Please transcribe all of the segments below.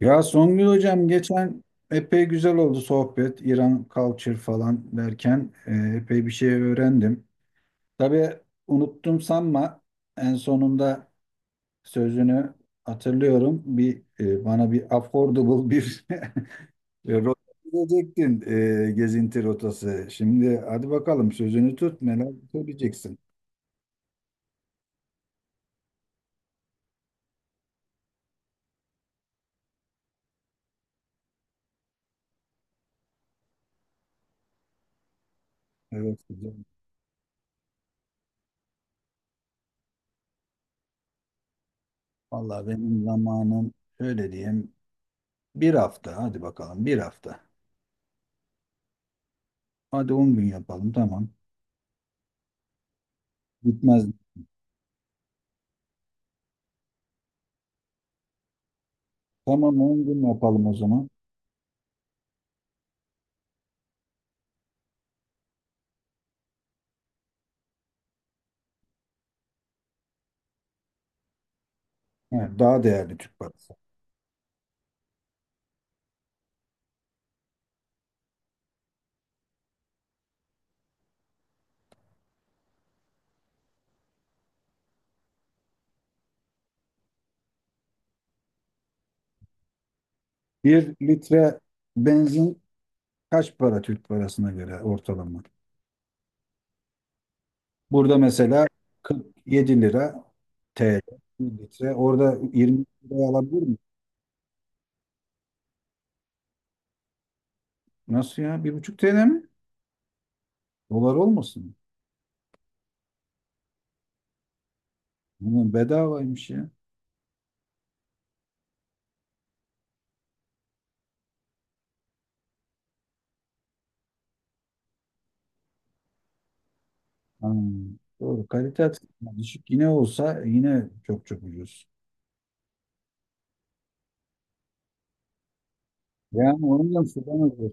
Ya Songül hocam, geçen epey güzel oldu sohbet. İran culture falan derken epey bir şey öğrendim. Tabii unuttum sanma, en sonunda sözünü hatırlıyorum. Bana bir affordable bir rota diyecektin, gezinti rotası. Şimdi hadi bakalım, sözünü tut, neler söyleyeceksin. Evet hocam. Vallahi benim zamanım, öyle diyeyim, bir hafta, hadi bakalım bir hafta. Hadi 10 gün yapalım, tamam. Gitmez. Tamam, 10 gün yapalım o zaman. Evet, daha değerli Türk parası. Bir litre benzin kaç para Türk parasına göre ortalama? Burada mesela 47 lira TL bir litre. Orada 20 liraya alabilir miyim? Nasıl ya? 1,5 TL mi? Dolar olmasın? Bunun bedavaymış ya. Ha, doğru. Kalite açısından düşük yine olsa yine çok çok ucuz. Yani onu da sıkamıyoruz.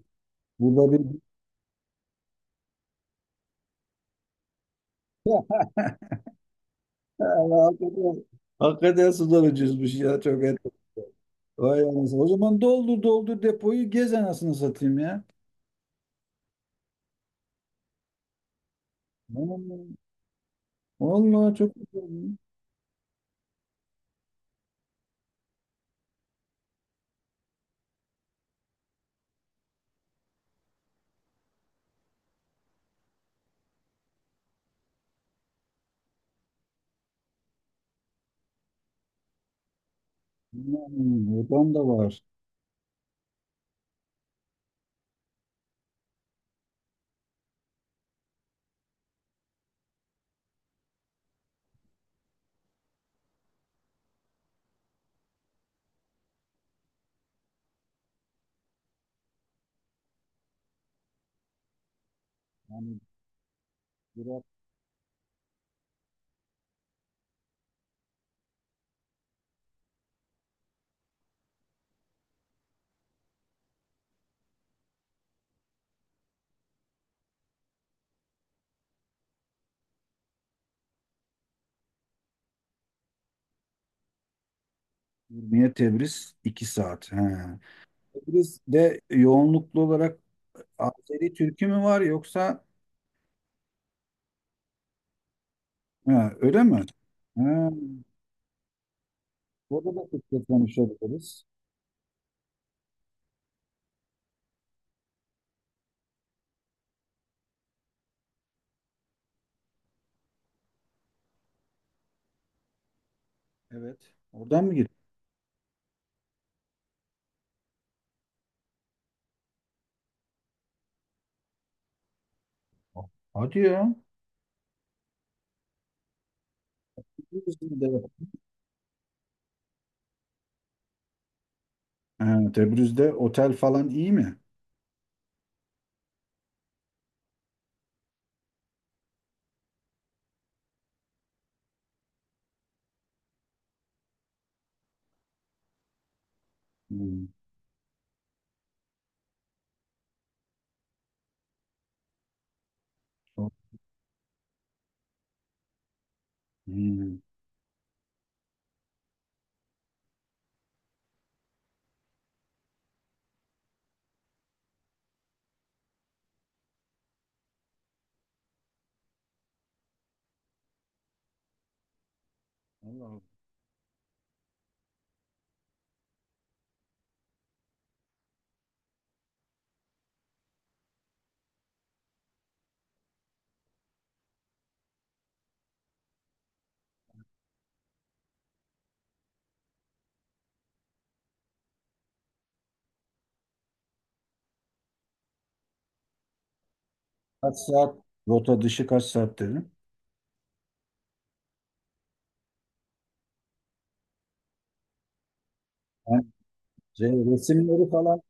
Burada bir Allah, hakikaten, hakikaten sudan ucuzmuş ya, çok et. Vay anasını. O zaman doldur doldur depoyu, gez anasını satayım ya. Vallahi, vallahi çok güzel. Yani, oradan da var. Yani Irak, Ürmiye, Tebriz 2 saat. He. Tebriz'de yoğunluklu olarak Azeri Türk'ü mü var, yoksa? Ha, öyle mi? Ha, orada da Türkçe konuşabiliriz. Evet. Oradan mı gidiyor? Hadi ya. Ha, Tebrüz'de otel falan iyi mi? Hmm. O- Hmm. Allah Allah. Kaç saat? Rota dışı kaç saat dedim. Ben resimleri falan.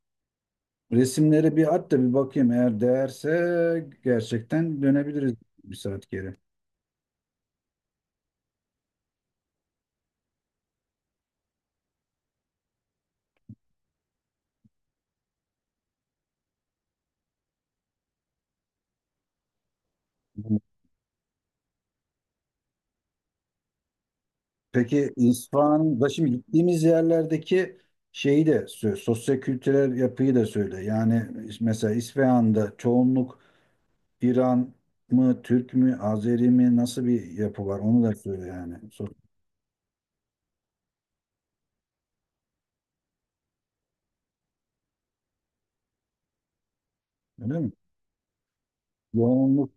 Resimleri bir at da bir bakayım. Eğer değerse gerçekten dönebiliriz, bir saat geri. Hmm. Peki İsfahan'da şimdi gittiğimiz yerlerdeki şeyi de sosyo-kültürel yapıyı da söyle. Yani mesela İsfahan'da çoğunluk İran mı, Türk mü, Azeri mi, nasıl bir yapı var onu da söyle yani. Öyle mi? Yoğunluk,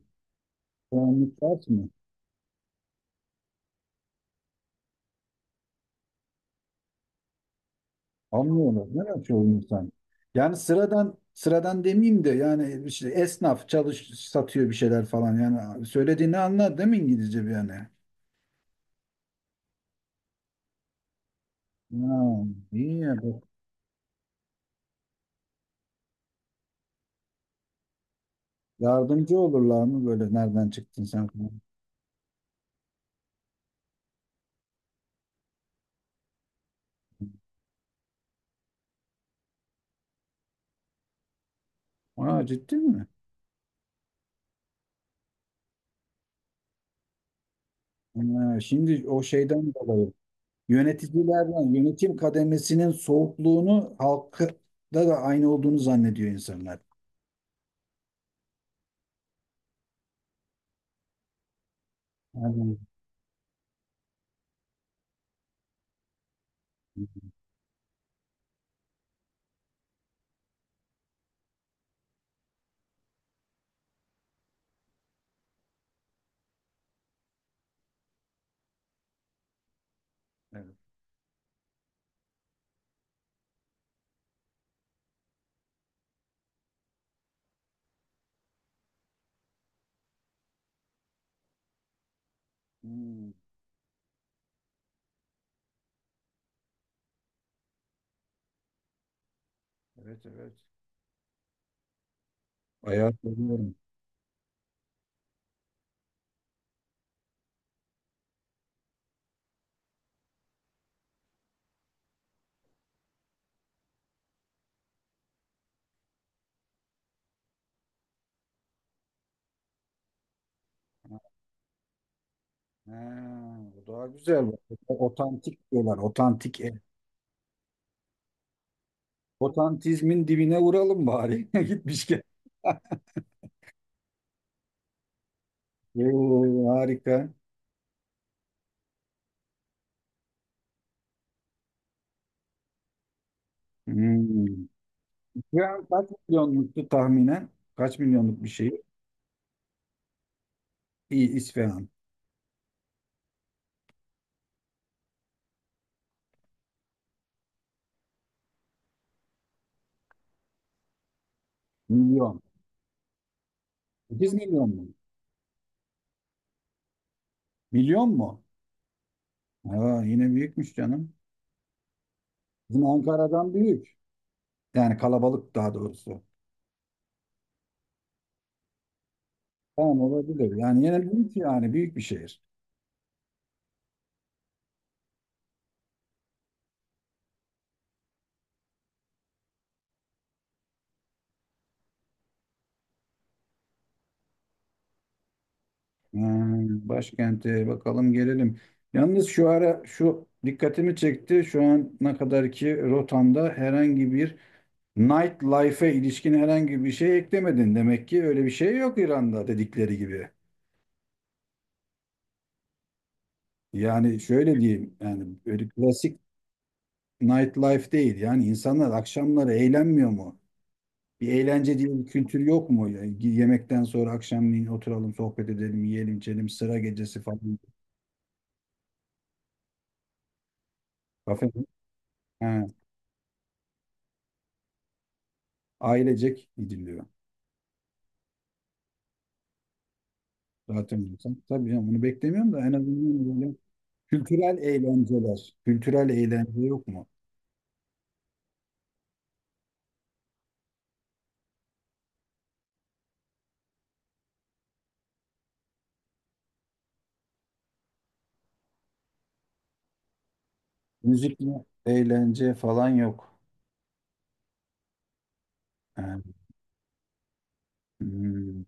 yoğunluk şart mı? Anlıyorlar. Ne yapıyor insan? Yani sıradan sıradan demeyeyim de, yani işte esnaf çalış satıyor bir şeyler falan, yani söylediğini anlar değil mi İngilizce bir yani? Ha, iyi ya bu. Yardımcı olurlar mı, böyle nereden çıktın sen falan? Aa, ciddi mi? Ha, şimdi o şeyden dolayı yöneticilerden yönetim kademesinin soğukluğunu halkta da aynı olduğunu zannediyor insanlar. Anladım. Evet. Hmm. Evet, evet. Bayağı seviyorum. Ha, bu daha güzel. Bak. Otantik diyorlar. Otantik ev. Otantizmin dibine vuralım bari. Gitmişken. Oo, harika. Hmm. İsfahan kaç milyonluktu tahminen? Kaç milyonluk bir şey? İyi İsfahan. Milyon. 8 milyon mu? Milyon mu? Aa, yine büyükmüş canım. Bizim Ankara'dan büyük. Yani kalabalık daha doğrusu. Tamam, olabilir. Yani yine büyük, yani büyük bir şehir. Hmm, başkente bakalım gelelim. Yalnız şu ara şu dikkatimi çekti. Şu ana kadarki rotamda herhangi bir nightlife'e ilişkin herhangi bir şey eklemedin. Demek ki öyle bir şey yok İran'da, dedikleri gibi. Yani şöyle diyeyim, yani öyle klasik nightlife değil. Yani insanlar akşamları eğlenmiyor mu? Bir eğlence diye bir kültür yok mu? Yani yemekten sonra akşamleyin oturalım, sohbet edelim, yiyelim, içelim, sıra gecesi falan. Kafe, ha, ailecek gidiliyor. Zaten diyorsan. Tabii canım, bunu beklemiyorum da en azından böyle kültürel eğlenceler. Kültürel eğlence yok mu? Müzikle eğlence falan yok. Yani, hmm,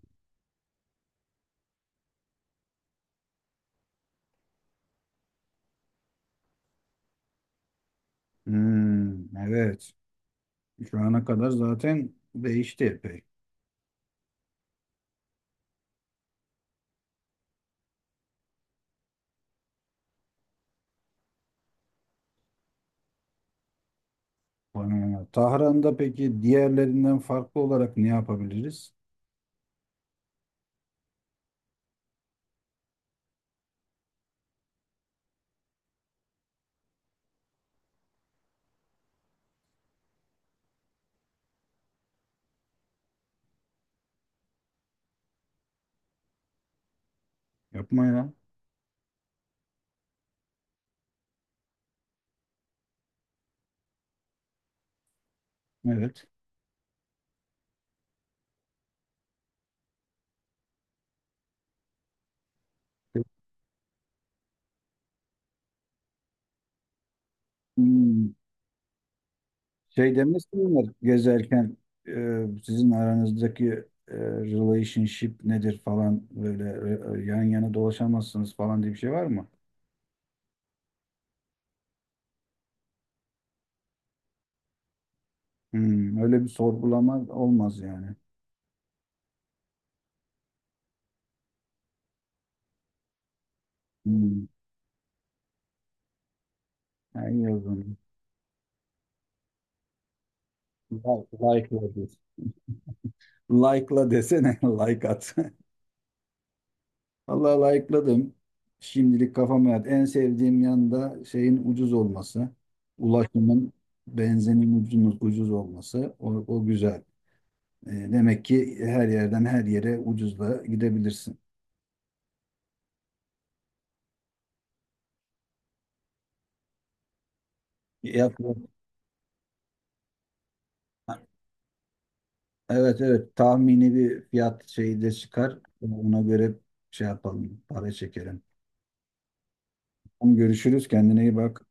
hmm, evet. Şu ana kadar zaten değişti epey. Bana göre. Tahran'da peki diğerlerinden farklı olarak ne yapabiliriz? Yapma ya. Evet. Hmm. Şey demesinler gezerken, sizin aranızdaki relationship nedir falan, böyle yan yana dolaşamazsınız falan diye bir şey var mı? Hmm, öyle bir sorgulama olmaz yani. Hmm, yani iyi o zaman. Like'la des. Like'la desene, like at. Vallahi like'ladım. Şimdilik kafama yat. En sevdiğim yanda şeyin ucuz olması. Ulaşımın, benzinin ucuz, ucuz olması. O güzel. Demek ki her yerden her yere ucuzla gidebilirsin. Ya, evet evet tahmini bir fiyat şeyi de çıkar. Ona göre şey yapalım, para çekelim. Tamam, görüşürüz. Kendine iyi bak.